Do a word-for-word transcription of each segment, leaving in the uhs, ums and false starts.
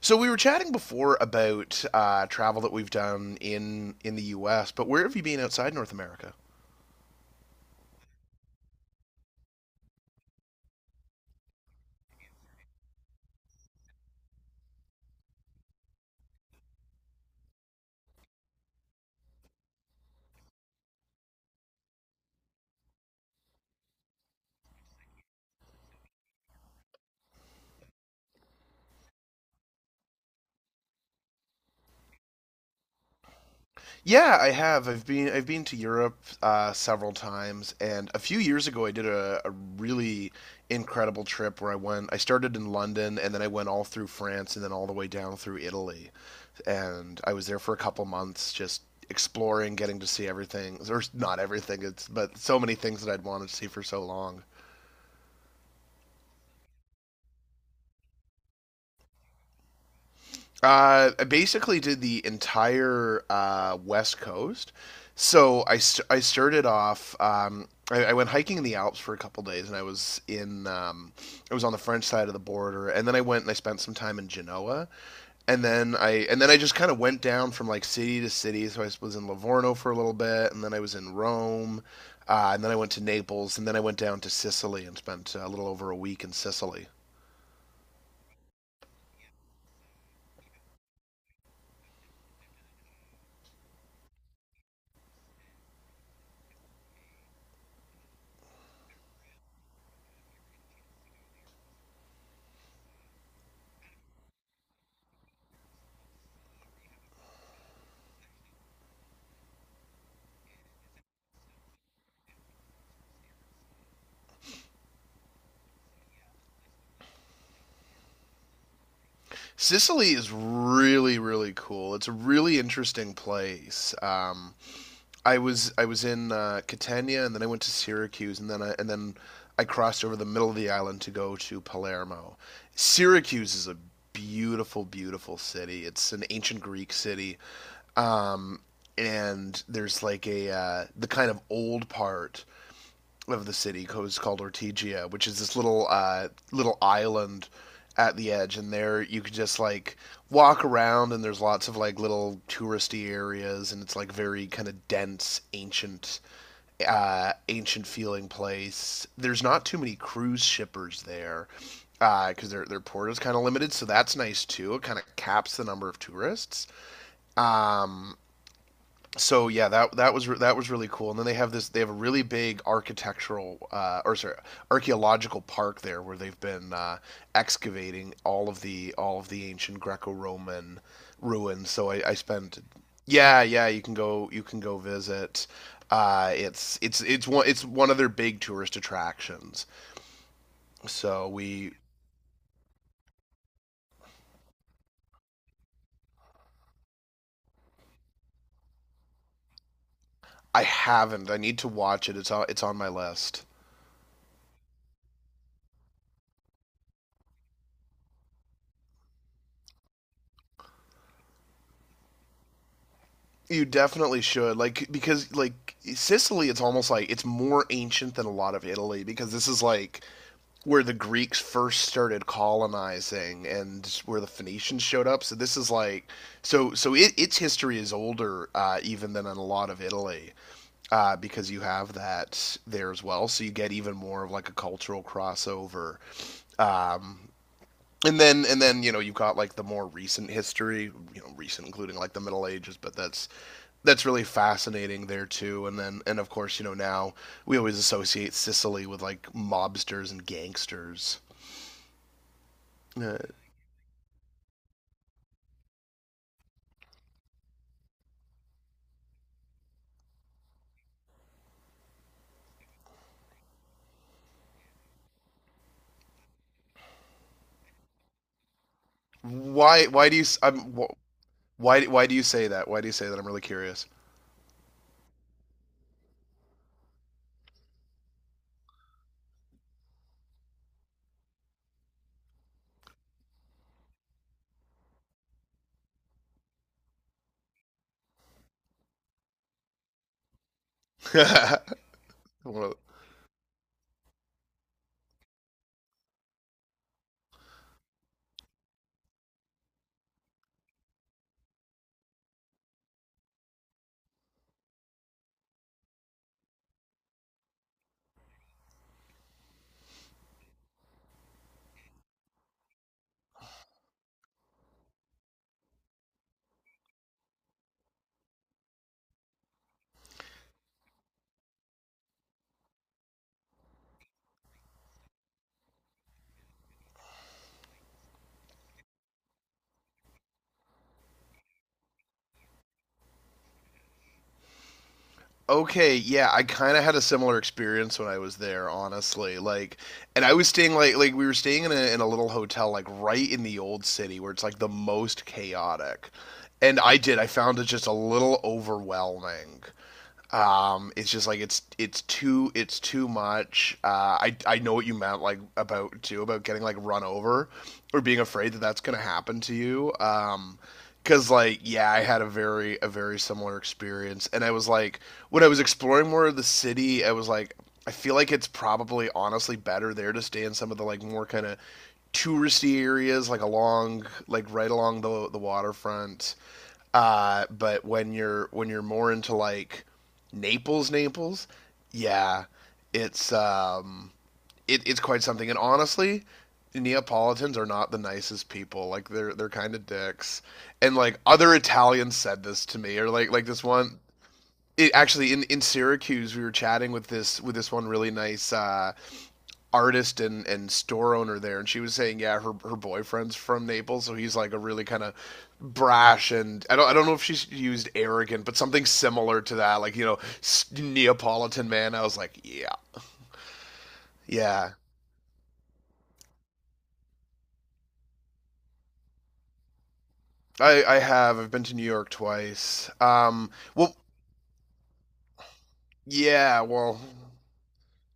So we were chatting before about uh, travel that we've done in in the U S, but where have you been outside North America? Yeah, I have. I've been I've been to Europe uh, several times, and a few years ago I did a, a really incredible trip where I went. I started in London, and then I went all through France, and then all the way down through Italy, and I was there for a couple months just exploring, getting to see everything, or not everything, it's but so many things that I'd wanted to see for so long. Uh, I basically did the entire uh, West Coast. So I, st- I started off. Um, I, I went hiking in the Alps for a couple days, and I was in. Um, I was on the French side of the border, and then I went and I spent some time in Genoa, and then I and then I just kind of went down from like city to city. So I was in Livorno for a little bit, and then I was in Rome, uh, and then I went to Naples, and then I went down to Sicily and spent a little over a week in Sicily. Sicily is really really cool. It's a really interesting place. Um, I was I was in uh, Catania and then I went to Syracuse and then I, and then I crossed over the middle of the island to go to Palermo. Syracuse is a beautiful beautiful city. It's an ancient Greek city, and there's like a uh, the kind of old part of the city is called Ortigia, which is this little uh, little island at the edge, and there you could just like walk around, and there's lots of like little touristy areas, and it's like very kind of dense, ancient, uh, ancient feeling place. There's not too many cruise shippers there because uh, their their port is kind of limited, so that's nice too. It kind of caps the number of tourists, so yeah, that that was that was really cool. And then they have this they have a really big architectural uh, or sorry archaeological park there where they've been uh, excavating all of the all of the ancient Greco-Roman ruins. So I, I spent yeah, yeah, you can go, you can go visit. Uh, it's it's it's one it's one of their big tourist attractions. So we I haven't, I need to watch it. It's on, it's on my list. You definitely should, like, because like Sicily, it's almost like it's more ancient than a lot of Italy because this is like where the Greeks first started colonizing and where the Phoenicians showed up. So this is like, so so it, its history is older uh, even than in a lot of Italy, uh, because you have that there as well. So you get even more of like a cultural crossover, and then and then you know you've got like the more recent history, you know, recent including like the Middle Ages, but that's that's really fascinating there too. And then and of course you know now we always associate Sicily with like mobsters and gangsters. Uh, why why do you s- I'm why why do you say that? Why do you say that? I'm really curious. okay, yeah, I kind of had a similar experience when I was there, honestly. Like, and I was staying like like we were staying in a in a little hotel like right in the old city where it's like the most chaotic. And I did. I found it just a little overwhelming. Um, it's just like it's it's too it's too much. Uh, I I know what you meant like about too about getting like run over or being afraid that that's gonna happen to you. Um, because like yeah, I had a very a very similar experience, and I was like, when I was exploring more of the city, I was like, I feel like it's probably honestly better there to stay in some of the like more kind of touristy areas like along like right along the the waterfront, uh but when you're when you're more into like Naples, Naples, yeah, it's um, it, it's quite something. And honestly, Neapolitans are not the nicest people. Like they're they're kind of dicks. And like other Italians said this to me, or like like this one. It, actually in, in Syracuse we were chatting with this with this one really nice uh, artist, and, and store owner there, and she was saying yeah, her her boyfriend's from Naples, so he's like a really kind of brash and I don't I don't know if she used arrogant but something similar to that, like, you know, Neapolitan man, I was like yeah, yeah. I I have, I've been to New York twice, um, well, yeah, well,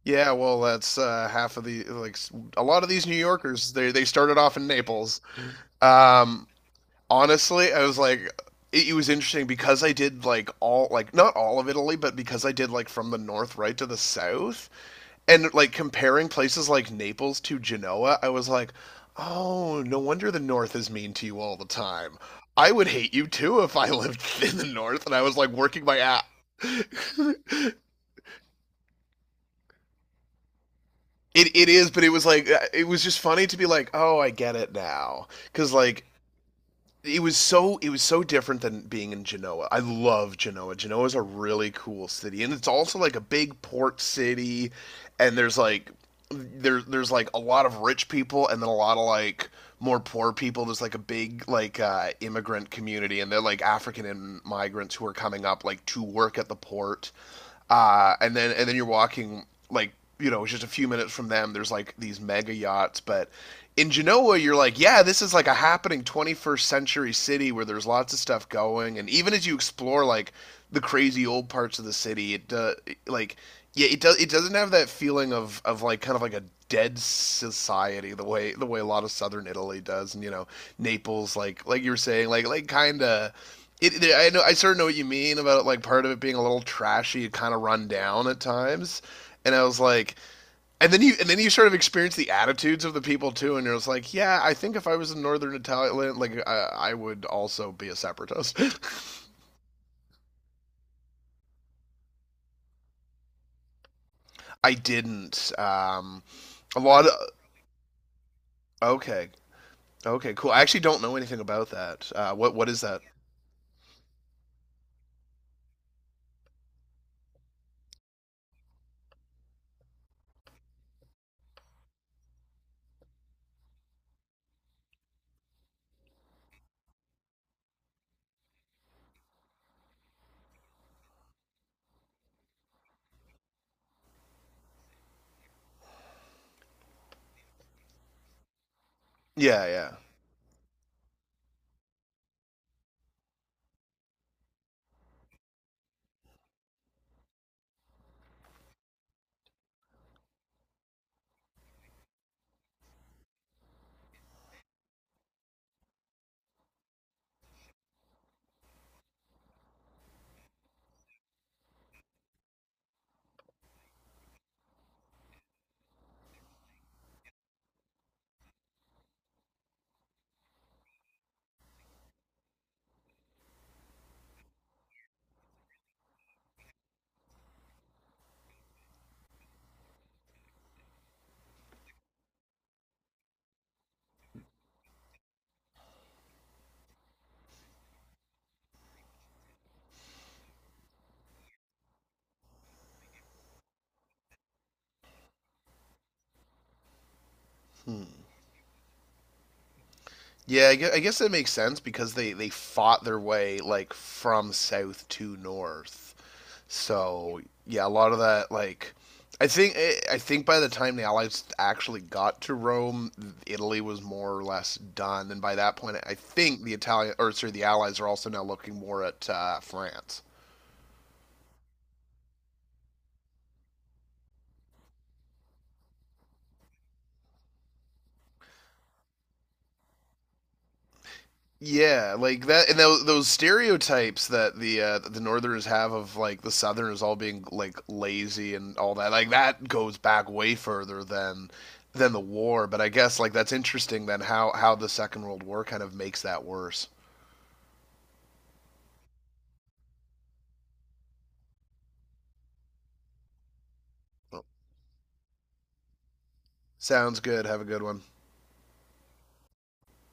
yeah, well, that's uh half of the like a lot of these New Yorkers, they they started off in Naples. um Honestly, I was like, it, it was interesting because I did like all, like not all of Italy, but because I did like from the north right to the south, and like comparing places like Naples to Genoa, I was like, oh, no wonder the north is mean to you all the time. I would hate you too if I lived in the north and I was like working my ass. it it is, but it was like, uh, it was just funny to be like, oh, I get it now, because like it was so it was so different than being in Genoa. I love Genoa. Genoa is a really cool city, and it's also like a big port city, and there's like there there's like a lot of rich people and then a lot of like more poor people. There's like a big like uh, immigrant community, and they're like African and migrants who are coming up like to work at the port, uh, and then and then you're walking like, you know, just a few minutes from them. There's like these mega yachts, but in Genoa, you're like, yeah, this is like a happening twenty-first century city where there's lots of stuff going, and even as you explore like the crazy old parts of the city, it uh, like yeah, it does, it doesn't have that feeling of of like kind of like a dead society the way the way a lot of southern Italy does, and you know Naples, like like you were saying, like like kind of it, I know. I sort of know what you mean about it, like part of it being a little trashy, kind of run down at times. And I was like, and then you, and then you sort of experience the attitudes of the people too. And you're just like, yeah, I think if I was in Northern Italy, like I, I would also be a separatist. I didn't. Um, a lot of okay, okay, cool. I actually don't know anything about that. Uh, what what is that? Yeah, yeah. Hmm. Yeah, I guess, I guess that makes sense because they, they fought their way like from south to north. So yeah, a lot of that like I think eh, I think by the time the Allies actually got to Rome, Italy was more or less done, and by that point, I think the Italian, or sorry, the Allies are also now looking more at uh, France. Yeah, like that, and those, those stereotypes that the uh, the Northerners have of like the Southerners all being like lazy and all that, like that goes back way further than than the war. But I guess like that's interesting then how how the Second World War kind of makes that worse. Sounds good. Have a good one.